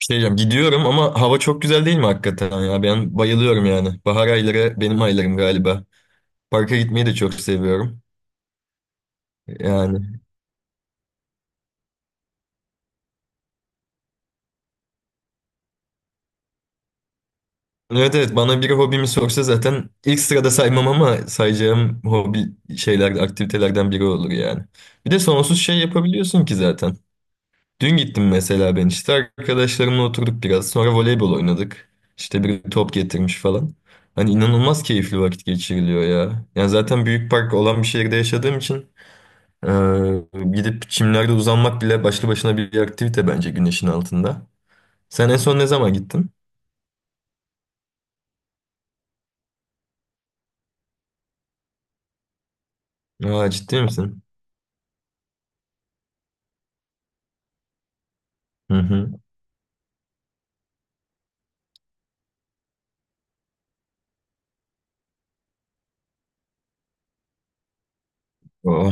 Bir şey diyeceğim, gidiyorum ama hava çok güzel değil mi hakikaten ya? Ben bayılıyorum yani. Bahar ayları benim aylarım galiba. Parka gitmeyi de çok seviyorum. Yani evet evet bana biri hobimi sorsa zaten ilk sırada saymam ama sayacağım hobi şeyler, aktivitelerden biri olur yani. Bir de sonsuz şey yapabiliyorsun ki zaten. Dün gittim mesela ben işte arkadaşlarımla oturduk biraz. Sonra voleybol oynadık. İşte biri top getirmiş falan. Hani inanılmaz keyifli vakit geçiriliyor ya. Yani zaten büyük park olan bir şehirde yaşadığım için Ee, gidip çimlerde uzanmak bile başlı başına bir aktivite bence güneşin altında. Sen en son ne zaman gittin? Aa, ciddi misin? Hı hı. Oo.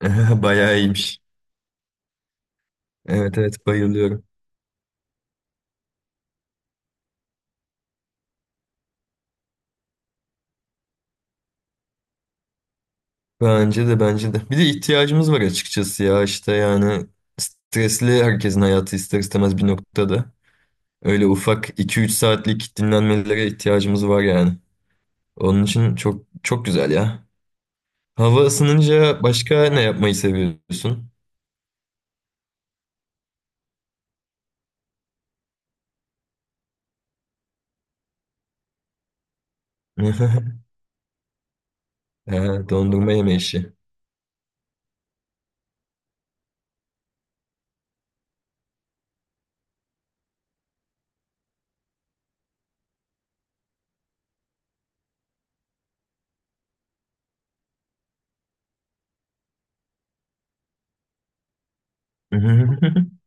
Bayağı iyiymiş. Evet evet bayılıyorum. Bence de bence de. Bir de ihtiyacımız var açıkçası ya işte yani stresli herkesin hayatı ister istemez bir noktada. Öyle ufak iki üç saatlik dinlenmelere ihtiyacımız var yani. Onun için çok çok güzel ya. Hava ısınınca başka ne yapmayı seviyorsun? He, dondurma yeme işi.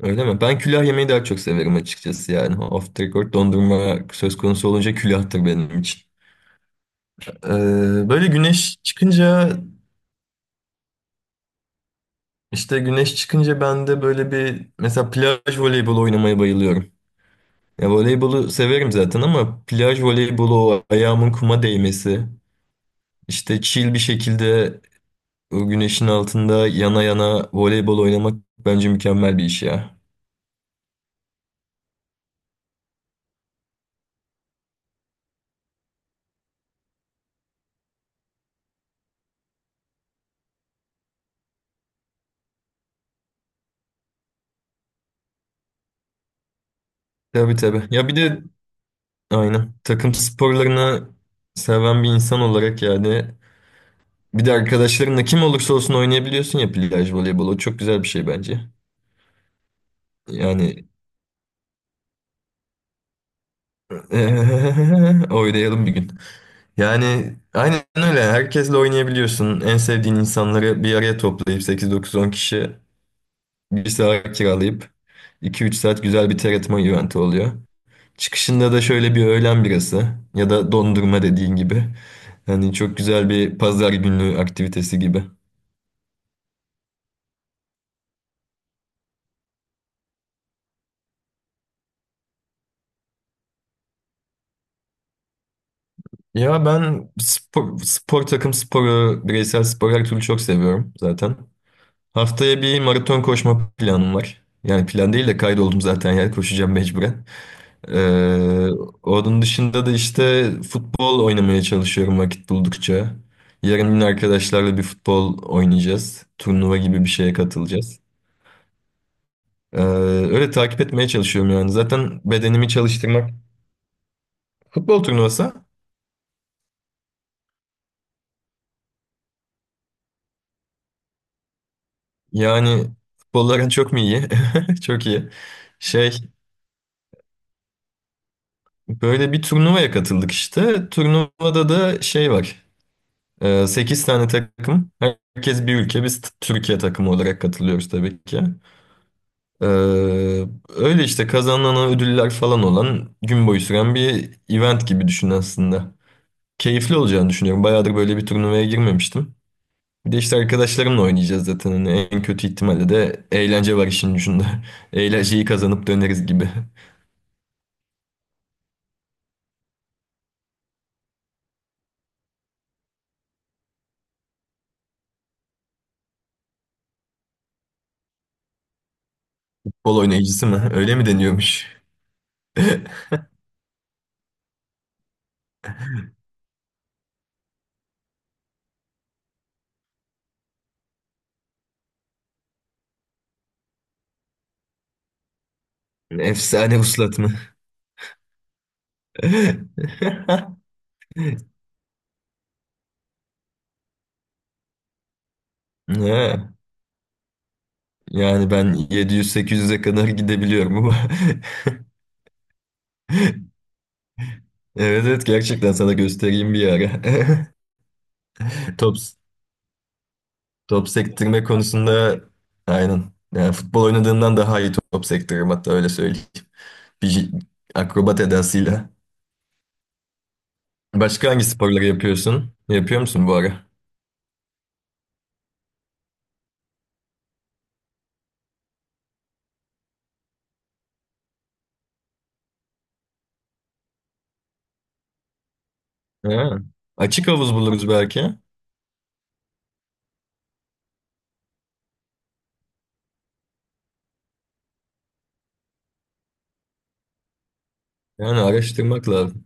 Öyle mi? Ben külah yemeyi daha çok severim açıkçası yani. Off the record dondurma söz konusu olunca külahtır benim için. Ee, böyle güneş çıkınca işte güneş çıkınca ben de böyle bir mesela plaj voleybolu oynamaya bayılıyorum. Ya voleybolu severim zaten ama plaj voleybolu o ayağımın kuma değmesi işte chill bir şekilde o güneşin altında yana yana voleybol oynamak bence mükemmel bir iş ya. Tabii tabii. Ya bir de aynen takım sporlarını seven bir insan olarak yani bir de arkadaşlarınla kim olursa olsun oynayabiliyorsun ya plaj voleybolu. O çok güzel bir şey bence. Yani oynayalım bir gün. Yani aynen öyle. Herkesle oynayabiliyorsun. En sevdiğin insanları bir araya toplayıp sekiz dokuz on kişi bir saat kiralayıp iki üç saat güzel bir terletme eventi oluyor. Çıkışında da şöyle bir öğlen birası ya da dondurma dediğin gibi. Yani çok güzel bir pazar günü aktivitesi gibi. Ya ben spor, spor takım sporu, bireysel spor her türlü çok seviyorum zaten. Haftaya bir maraton koşma planım var. Yani plan değil de kaydoldum zaten yani koşacağım mecburen. Ee, onun dışında da işte futbol oynamaya çalışıyorum vakit buldukça. Yarın yine arkadaşlarla bir futbol oynayacağız. Turnuva gibi bir şeye katılacağız. Öyle takip etmeye çalışıyorum yani. Zaten bedenimi çalıştırmak futbol turnuvası. Yani futbolların çok mu iyi? Çok iyi. Şey böyle bir turnuvaya katıldık işte. Turnuvada da şey var. Sekiz tane takım. Herkes bir ülke. Biz Türkiye takımı olarak katılıyoruz tabii ki. Ee, öyle işte kazanılan ödüller falan olan gün boyu süren bir event gibi düşün aslında. Keyifli olacağını düşünüyorum. Bayağıdır böyle bir turnuvaya girmemiştim. Bir de işte arkadaşlarımla oynayacağız zaten. Hani en kötü ihtimalle de eğlence var işin ucunda. Eğlenceyi kazanıp döneriz gibi. Futbol oynayıcısı mı? Öyle mi deniyormuş? Efsane uslat mı? Ha, yani ben 700-800'e kadar gidebiliyorum ama. Evet evet gerçekten sana göstereyim bir ara. Top, top sektirme konusunda aynen. Yani futbol oynadığından daha iyi top sektiririm hatta öyle söyleyeyim. Bir akrobat edasıyla. Başka hangi sporları yapıyorsun? Yapıyor musun bu ara? Ha, açık havuz buluruz belki. Yani araştırmak lazım.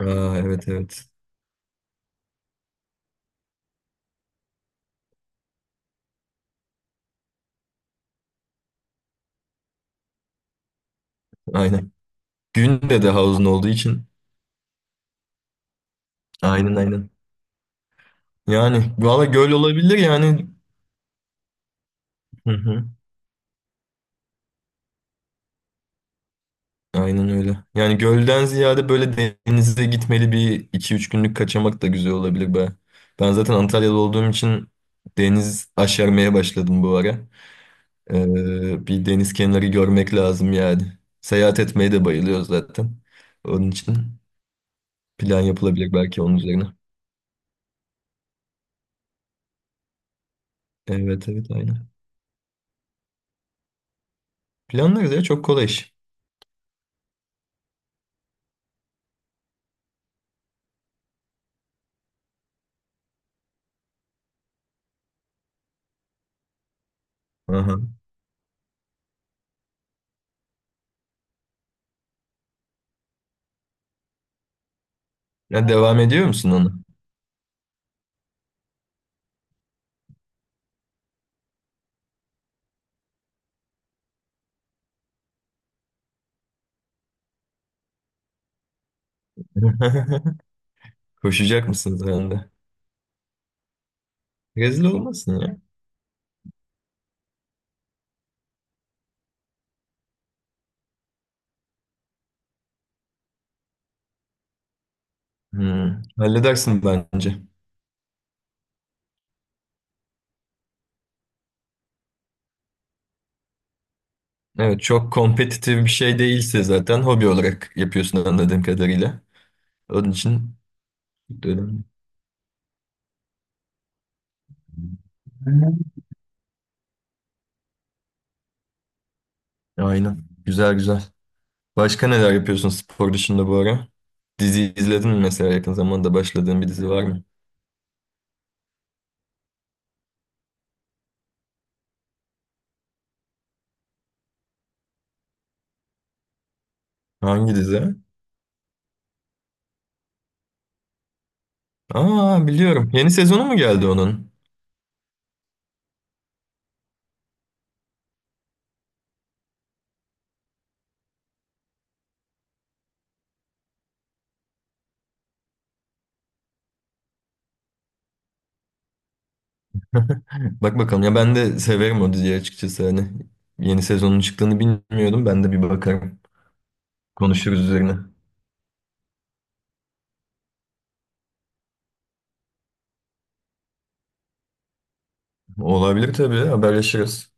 Aa, evet evet. Aynen. Günde de havuzun olduğu için. Aynen aynen. Yani valla göl olabilir yani. Hı hı. Aynen öyle. Yani gölden ziyade böyle denize gitmeli bir iki üç günlük kaçamak da güzel olabilir be. Ben zaten Antalya'da olduğum için deniz aşermeye başladım bu ara. Bir deniz kenarı görmek lazım yani. Seyahat etmeyi de bayılıyor zaten. Onun için plan yapılabilir belki onun üzerine. Evet evet aynen. Planlarız ya çok kolay iş. Aha. Ya devam ediyor musun ona? Koşacak mısın sen de? Rezil olmasın ya. Hmm, halledersin bence. Evet çok kompetitif bir şey değilse zaten hobi olarak yapıyorsun anladığım kadarıyla. Onun için önemli. Aynen. Güzel güzel. Başka neler yapıyorsun spor dışında bu ara? Dizi izledin mi mesela yakın zamanda başladığın bir dizi var mı? Hangi dizi? Aa biliyorum. Yeni sezonu mu geldi onun? Bak bakalım ya ben de severim o diziyi açıkçası hani. Yeni sezonun çıktığını bilmiyordum. Ben de bir bakarım. Konuşuruz üzerine. Olabilir tabii. Haberleşiriz.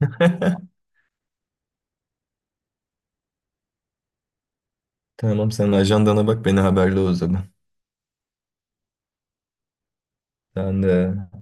Tamam sen ajandana bak beni haberle o zaman. Sen de